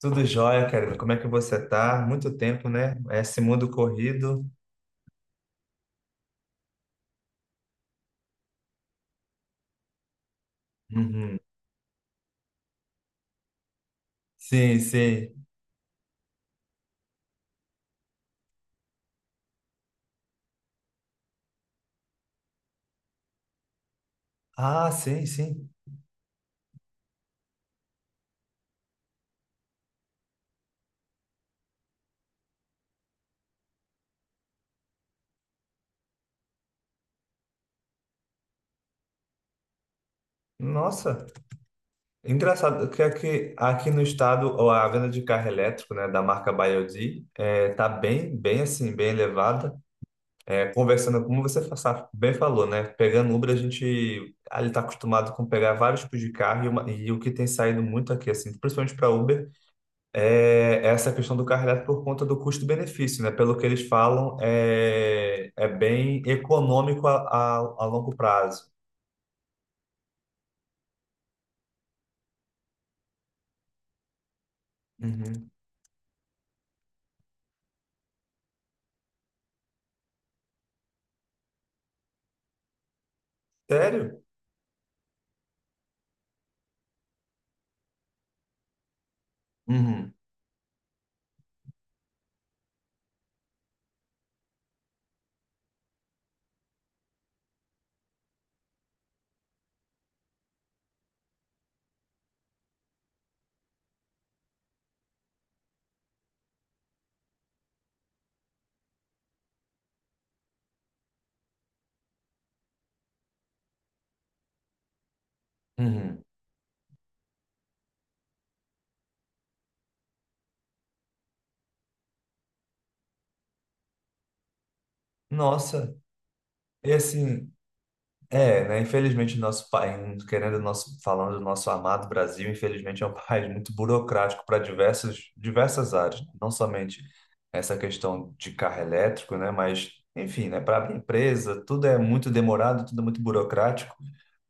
Tudo jóia, Karina. Como é que você tá? Muito tempo, né? Esse mundo corrido. Uhum. Sim, sim. Ah, sim, sim. Nossa, engraçado que aqui, no estado ó, a venda de carro elétrico, né, da marca BYD, tá bem, bem elevada. É, conversando, como você bem falou, né, pegando Uber a gente ali tá acostumado com pegar vários tipos de carro e o que tem saído muito aqui, assim, principalmente para Uber. É essa questão do carro elétrico por conta do custo-benefício, né? Pelo que eles falam, é bem econômico a longo prazo. Uhum. Sério? Uhum, uhum. Nossa, e assim, é, né? Infelizmente, o nosso país, querendo o nosso, falando do nosso amado Brasil, infelizmente é um país muito burocrático para diversas áreas, né, não somente essa questão de carro elétrico, né? Mas, enfim, né? Para abrir empresa, tudo é muito demorado, tudo é muito burocrático.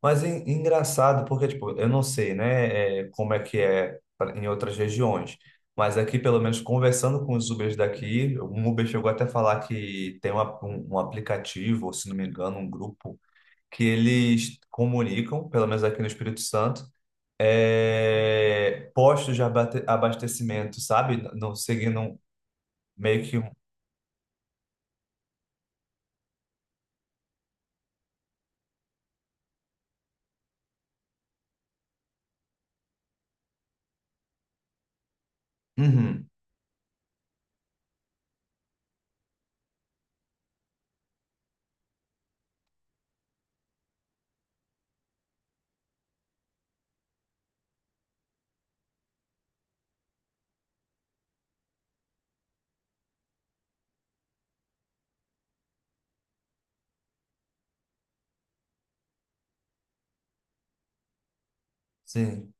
Mas é engraçado, porque, tipo, eu não sei, né? Como é que é em outras regiões. Mas aqui, pelo menos, conversando com os Ubers daqui, um Uber chegou até a falar que tem um aplicativo, ou se não me engano, um grupo que eles comunicam, pelo menos aqui no Espírito Santo, é, postos de abastecimento, sabe? Não seguindo meio que um. Uhum, sim,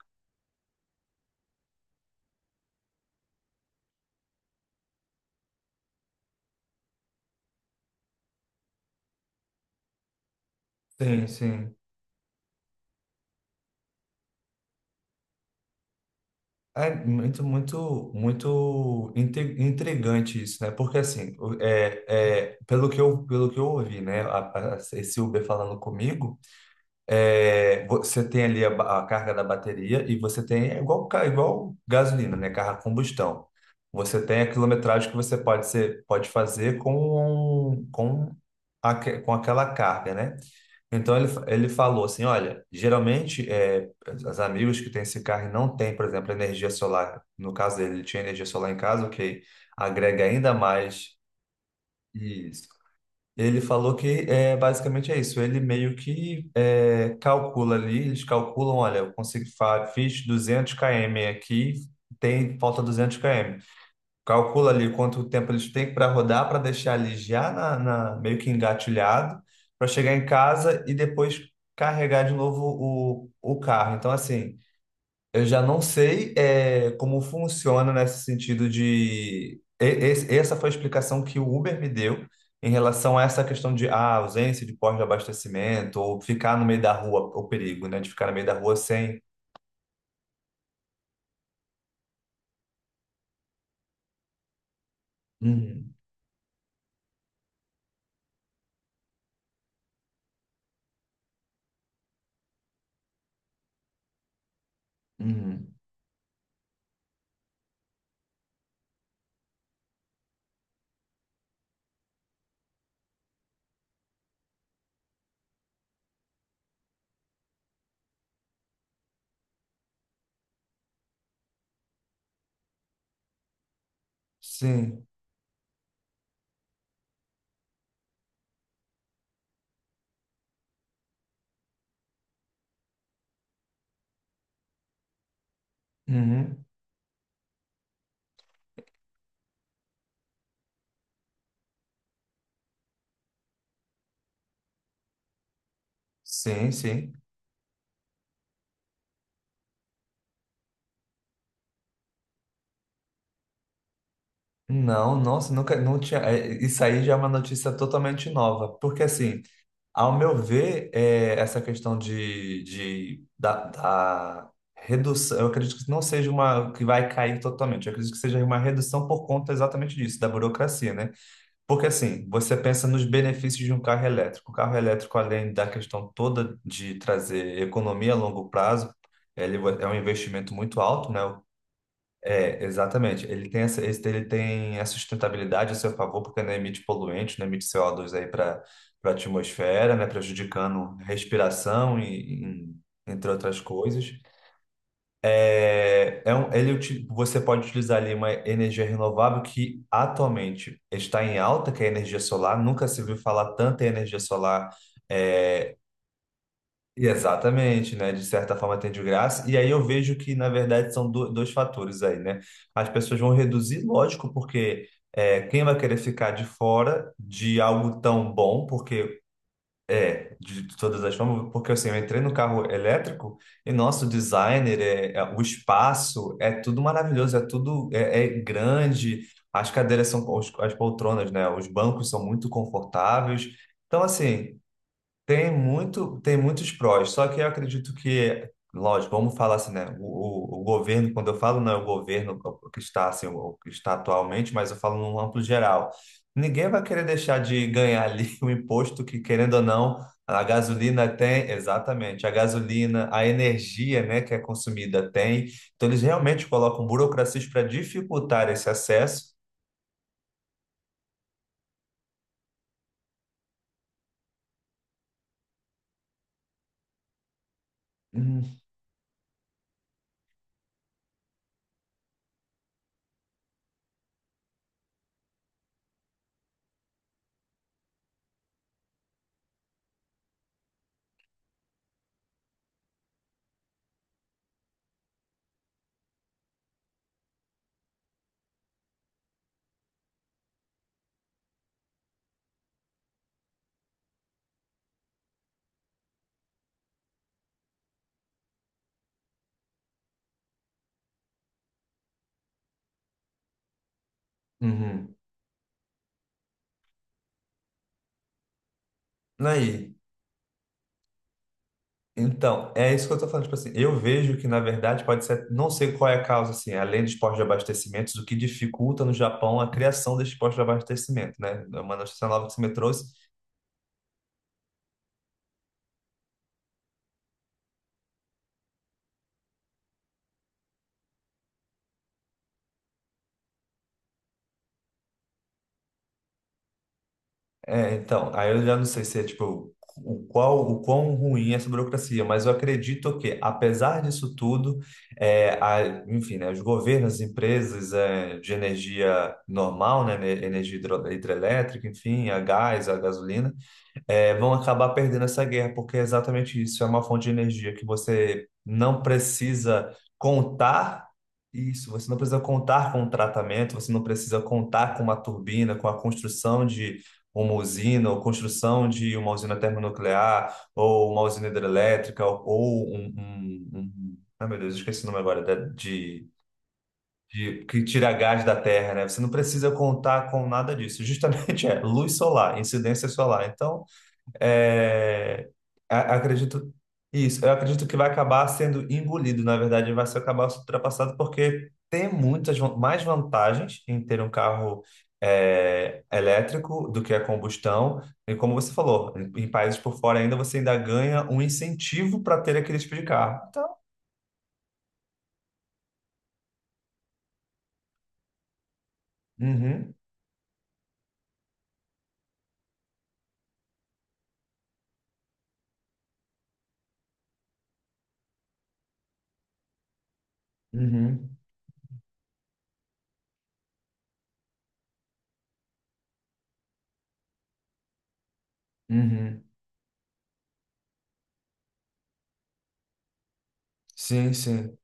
sim, sim. É muito, muito, muito intrigante isso, né? Porque assim, pelo que eu ouvi, né? Esse Uber falando comigo. É, você tem ali a carga da bateria e você tem, é igual, igual gasolina, né? Carro a combustão. Você tem a quilometragem que você pode, pode fazer com, com aquela carga, né? Então ele falou assim: olha, geralmente é, os amigos que têm esse carro e não têm, por exemplo, energia solar, no caso dele, ele tinha energia solar em casa, o que agrega ainda mais. Isso. Ele falou que é, basicamente é isso. Ele meio que é, calcula ali, eles calculam, olha, eu consigo, fiz 200 km aqui, tem falta 200 km. Calcula ali quanto tempo eles têm para rodar, para deixar ali já meio que engatilhado, para chegar em casa e depois carregar de novo o carro. Então, assim, eu já não sei é, como funciona nesse sentido de. Essa foi a explicação que o Uber me deu em relação a essa questão de ah, ausência de posto de abastecimento ou ficar no meio da rua, o perigo, né? De ficar no meio da rua sem. Uhum, uhum. Sim. Uhum. Sim, sim. Não, nossa, nunca, não tinha. Isso aí já é uma notícia totalmente nova. Porque assim. Ao meu ver, é, essa questão da, da redução, eu acredito que não seja uma que vai cair totalmente, eu acredito que seja uma redução por conta exatamente disso, da burocracia, né? Porque assim, você pensa nos benefícios de um carro elétrico. O carro elétrico, além da questão toda de trazer economia a longo prazo, ele é um investimento muito alto, né? É, exatamente. Ele tem essa, ele tem a sustentabilidade a seu favor, porque não emite poluentes, não emite CO2 aí para a atmosfera, né, prejudicando respiração entre outras coisas. É, você pode utilizar ali uma energia renovável que atualmente está em alta, que é a energia solar. Nunca se viu falar tanto em energia solar é, exatamente, né? De certa forma tem de graça. E aí eu vejo que, na verdade, são dois fatores aí, né? As pessoas vão reduzir, lógico, porque é, quem vai querer ficar de fora de algo tão bom, porque é, de todas as formas, porque assim, eu entrei no carro elétrico e nosso designer, o espaço é tudo maravilhoso, é tudo é grande, as cadeiras são, as poltronas, né? Os bancos são muito confortáveis. Então, assim. Tem muito, tem muitos prós, só que eu acredito que, lógico, vamos falar assim, né? O governo, quando eu falo, não é o governo que está assim, o que está atualmente, mas eu falo num amplo geral. Ninguém vai querer deixar de ganhar ali o imposto que, querendo ou não, a gasolina tem, exatamente, a gasolina, a energia, né, que é consumida tem. Então, eles realmente colocam burocracias para dificultar esse acesso. Uhum, uhum. Aí. Então, é isso que eu tô falando, tipo assim, eu vejo que na verdade pode ser, não sei qual é a causa, assim, além dos postos de abastecimentos, o que dificulta no Japão a criação desses postos de abastecimento, né? É uma notícia nova que você me trouxe, é, então, aí eu já não sei se é, tipo, o quão ruim é essa burocracia, mas eu acredito que, apesar disso tudo, é, a, enfim, né, os governos, as empresas é, de energia normal, né, energia hidrelétrica, enfim, a gás, a gasolina, é, vão acabar perdendo essa guerra, porque é exatamente isso, é uma fonte de energia que você não precisa contar isso, você não precisa contar com um tratamento, você não precisa contar com uma turbina, com a construção de uma usina, ou construção de uma usina termonuclear, ou uma usina hidrelétrica, um... Ah, meu Deus, eu esqueci o nome agora, de... De, que tira gás da terra, né? Você não precisa contar com nada disso. Justamente é luz solar, incidência solar. Então, é, acredito isso, eu acredito que vai acabar sendo engolido, na verdade, vai ser acabar sendo ultrapassado porque tem mais vantagens em ter um carro é, elétrico do que a combustão. E como você falou, em países por fora ainda você ainda ganha um incentivo para ter aquele tipo de carro. Então, uhum, uhum, uhum. Sim, sim.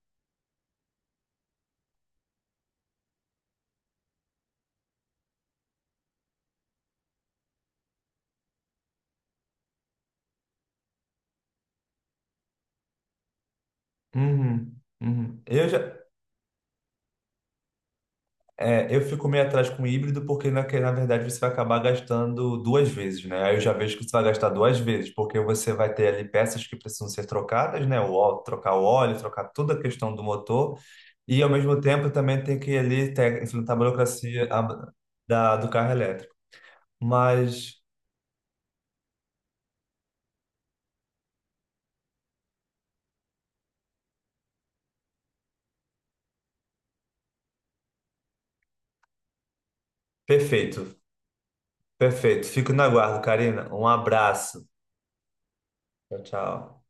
Uhum, uhum. Eu já é, eu fico meio atrás com o híbrido porque na verdade você vai acabar gastando duas vezes, né? Aí eu já vejo que você vai gastar duas vezes, porque você vai ter ali peças que precisam ser trocadas, né? O óleo, trocar toda a questão do motor e ao mesmo tempo também tem que ali ter, enfrentar a burocracia da, do carro elétrico. Mas perfeito, perfeito. Fico no aguardo, Karina. Um abraço. Tchau, tchau.